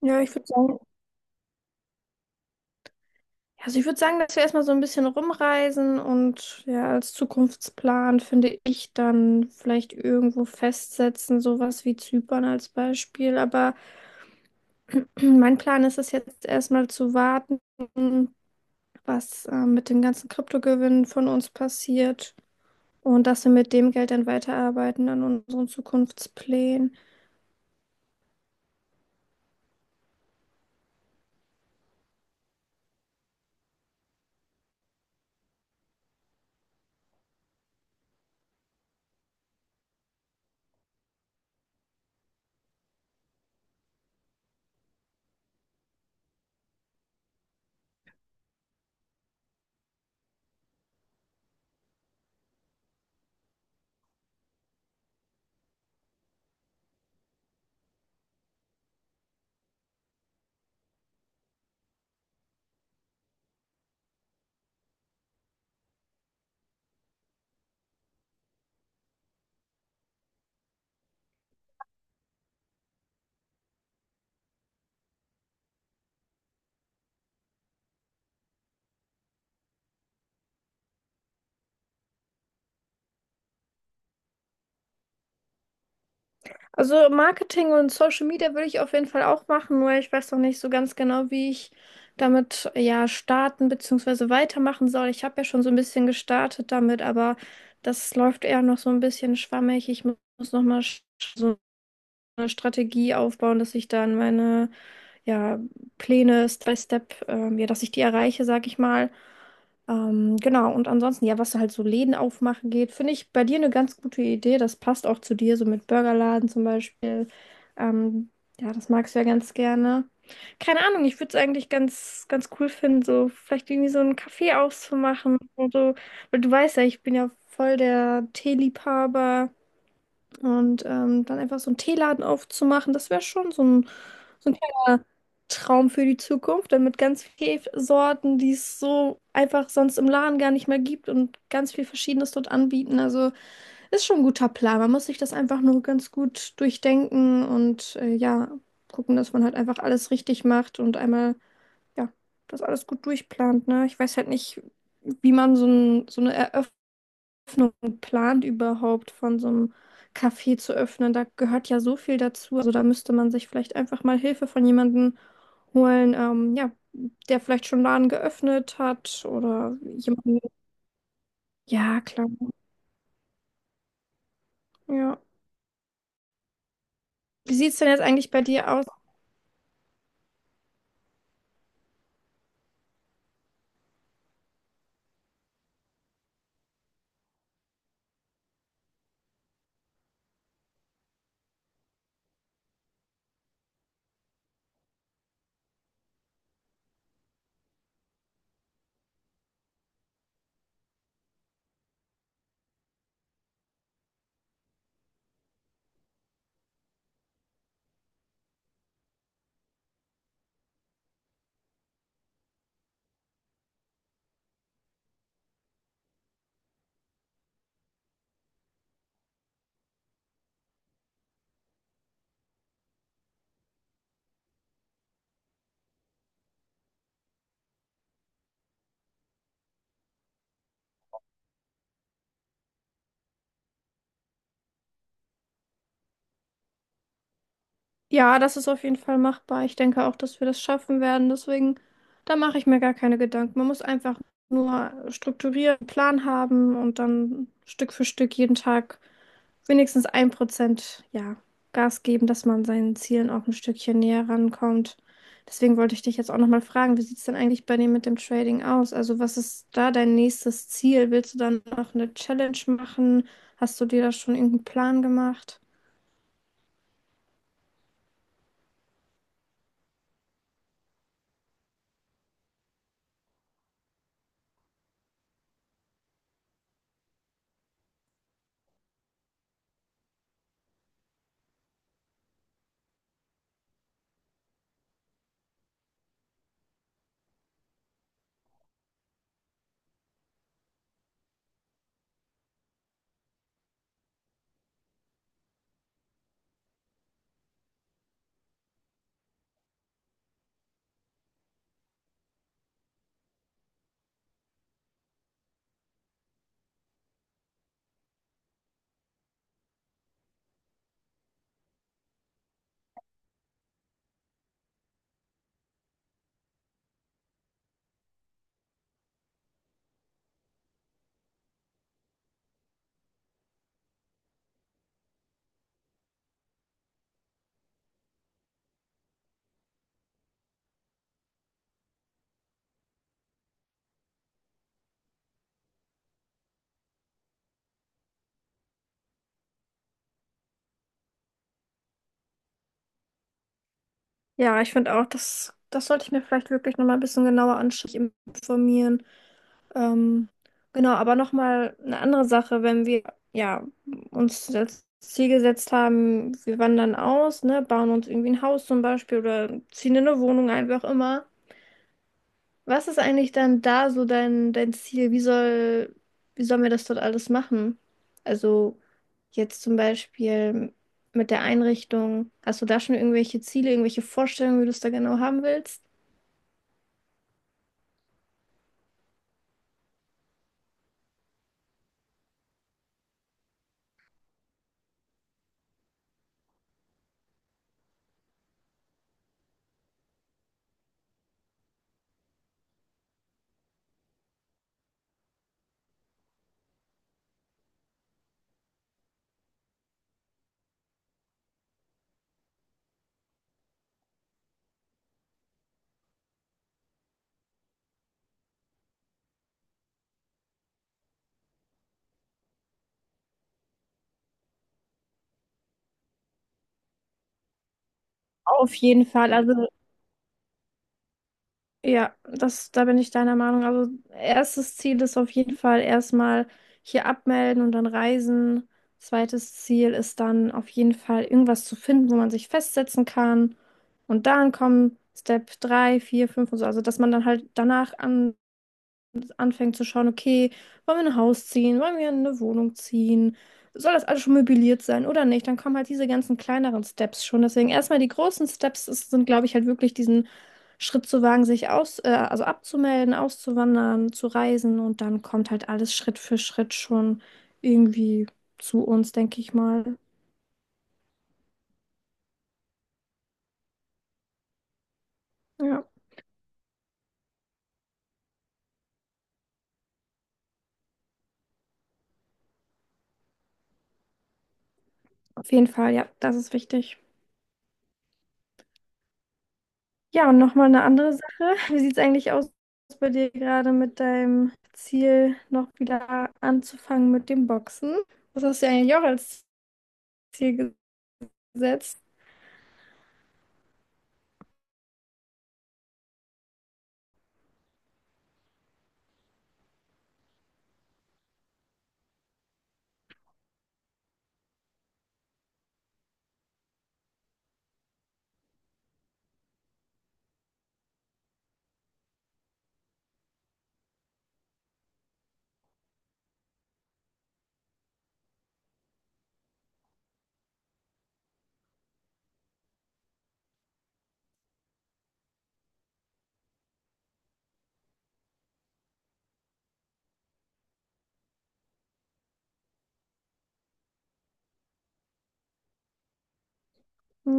Ja, ich würde sagen, dass wir erstmal so ein bisschen rumreisen und ja, als Zukunftsplan finde ich dann vielleicht irgendwo festsetzen, sowas wie Zypern als Beispiel. Aber mein Plan ist es jetzt erstmal zu warten, was mit dem ganzen Kryptogewinn von uns passiert und dass wir mit dem Geld dann weiterarbeiten an unseren Zukunftsplänen. Also Marketing und Social Media würde ich auf jeden Fall auch machen, nur ich weiß noch nicht so ganz genau, wie ich damit ja starten bzw. weitermachen soll. Ich habe ja schon so ein bisschen gestartet damit, aber das läuft eher noch so ein bisschen schwammig. Muss noch mal so eine Strategie aufbauen, dass ich dann meine ja, Pläne, Step by Step, ja, dass ich die erreiche, sag ich mal. Genau, und ansonsten, ja, was halt so Läden aufmachen geht, finde ich bei dir eine ganz gute Idee. Das passt auch zu dir, so mit Burgerladen zum Beispiel. Ähm, ja, das magst du ja ganz gerne. Keine Ahnung, ich würde es eigentlich ganz, ganz cool finden, so vielleicht irgendwie so einen Kaffee auszumachen und so. Weil du weißt ja, ich bin ja voll der Teeliebhaber. Und dann einfach so einen Teeladen aufzumachen, das wäre schon so ein kleiner Traum für die Zukunft, dann mit ganz vielen Sorten, die es so einfach sonst im Laden gar nicht mehr gibt und ganz viel Verschiedenes dort anbieten. Also ist schon ein guter Plan. Man muss sich das einfach nur ganz gut durchdenken und ja, gucken, dass man halt einfach alles richtig macht und einmal, ja, das alles gut durchplant, ne? Ich weiß halt nicht, wie man so eine Eröffnung Öffnung plant, überhaupt von so einem Café zu öffnen. Da gehört ja so viel dazu. Also da müsste man sich vielleicht einfach mal Hilfe von jemandem holen, ja, der vielleicht schon einen Laden geöffnet hat oder jemanden. Ja, klar. Ja. Wie sieht es denn jetzt eigentlich bei dir aus? Ja, das ist auf jeden Fall machbar. Ich denke auch, dass wir das schaffen werden. Deswegen, da mache ich mir gar keine Gedanken. Man muss einfach nur strukturieren, einen Plan haben und dann Stück für Stück jeden Tag wenigstens ein Prozent, ja, Gas geben, dass man seinen Zielen auch ein Stückchen näher rankommt. Deswegen wollte ich dich jetzt auch nochmal fragen, wie sieht es denn eigentlich bei dir mit dem Trading aus? Also was ist da dein nächstes Ziel? Willst du dann noch eine Challenge machen? Hast du dir da schon irgendeinen Plan gemacht? Ja, ich finde auch, das sollte ich mir vielleicht wirklich nochmal ein bisschen genauer anschauen, mich informieren. Ähm, genau, aber nochmal eine andere Sache, wenn wir ja, uns als Ziel gesetzt haben, wir wandern aus, ne, bauen uns irgendwie ein Haus zum Beispiel oder ziehen in eine Wohnung ein, wie auch immer. Was ist eigentlich dann da so dein Ziel? Wie sollen wir das dort alles machen? Also jetzt zum Beispiel mit der Einrichtung, hast du da schon irgendwelche Ziele, irgendwelche Vorstellungen, wie du es da genau haben willst? Auf jeden Fall. Also ja, das, da bin ich deiner Meinung. Also erstes Ziel ist auf jeden Fall erstmal hier abmelden und dann reisen. Zweites Ziel ist dann auf jeden Fall irgendwas zu finden, wo man sich festsetzen kann. Und dann kommen Step 3, 4, 5 und so. Also dass man dann halt danach an anfängt zu schauen, okay, wollen wir ein Haus ziehen, wollen wir in eine Wohnung ziehen, soll das alles schon möbliert sein oder nicht, dann kommen halt diese ganzen kleineren Steps schon. Deswegen erstmal die großen Steps sind, glaube ich, halt wirklich diesen Schritt zu wagen, sich aus, also abzumelden, auszuwandern, zu reisen und dann kommt halt alles Schritt für Schritt schon irgendwie zu uns, denke ich mal. Ja, auf jeden Fall, ja, das ist wichtig. Ja, und nochmal eine andere Sache. Wie sieht es eigentlich aus bei dir gerade mit deinem Ziel, noch wieder anzufangen mit dem Boxen? Das hast du ja eigentlich auch als Ziel gesetzt.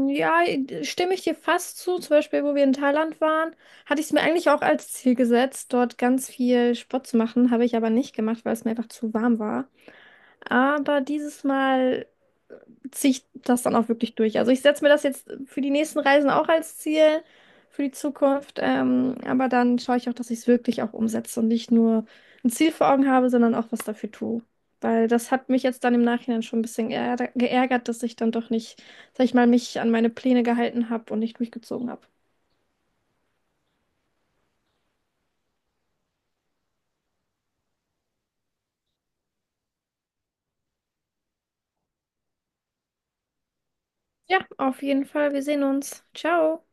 Ja, stimme ich dir fast zu. Zum Beispiel, wo wir in Thailand waren, hatte ich es mir eigentlich auch als Ziel gesetzt, dort ganz viel Sport zu machen. Habe ich aber nicht gemacht, weil es mir einfach zu warm war. Aber dieses Mal ziehe ich das dann auch wirklich durch. Also ich setze mir das jetzt für die nächsten Reisen auch als Ziel für die Zukunft, aber dann schaue ich auch, dass ich es wirklich auch umsetze und nicht nur ein Ziel vor Augen habe, sondern auch was dafür tue. Weil das hat mich jetzt dann im Nachhinein schon ein bisschen geärgert, dass ich dann doch nicht, sag ich mal, mich an meine Pläne gehalten habe und nicht durchgezogen habe. Ja, auf jeden Fall. Wir sehen uns. Ciao.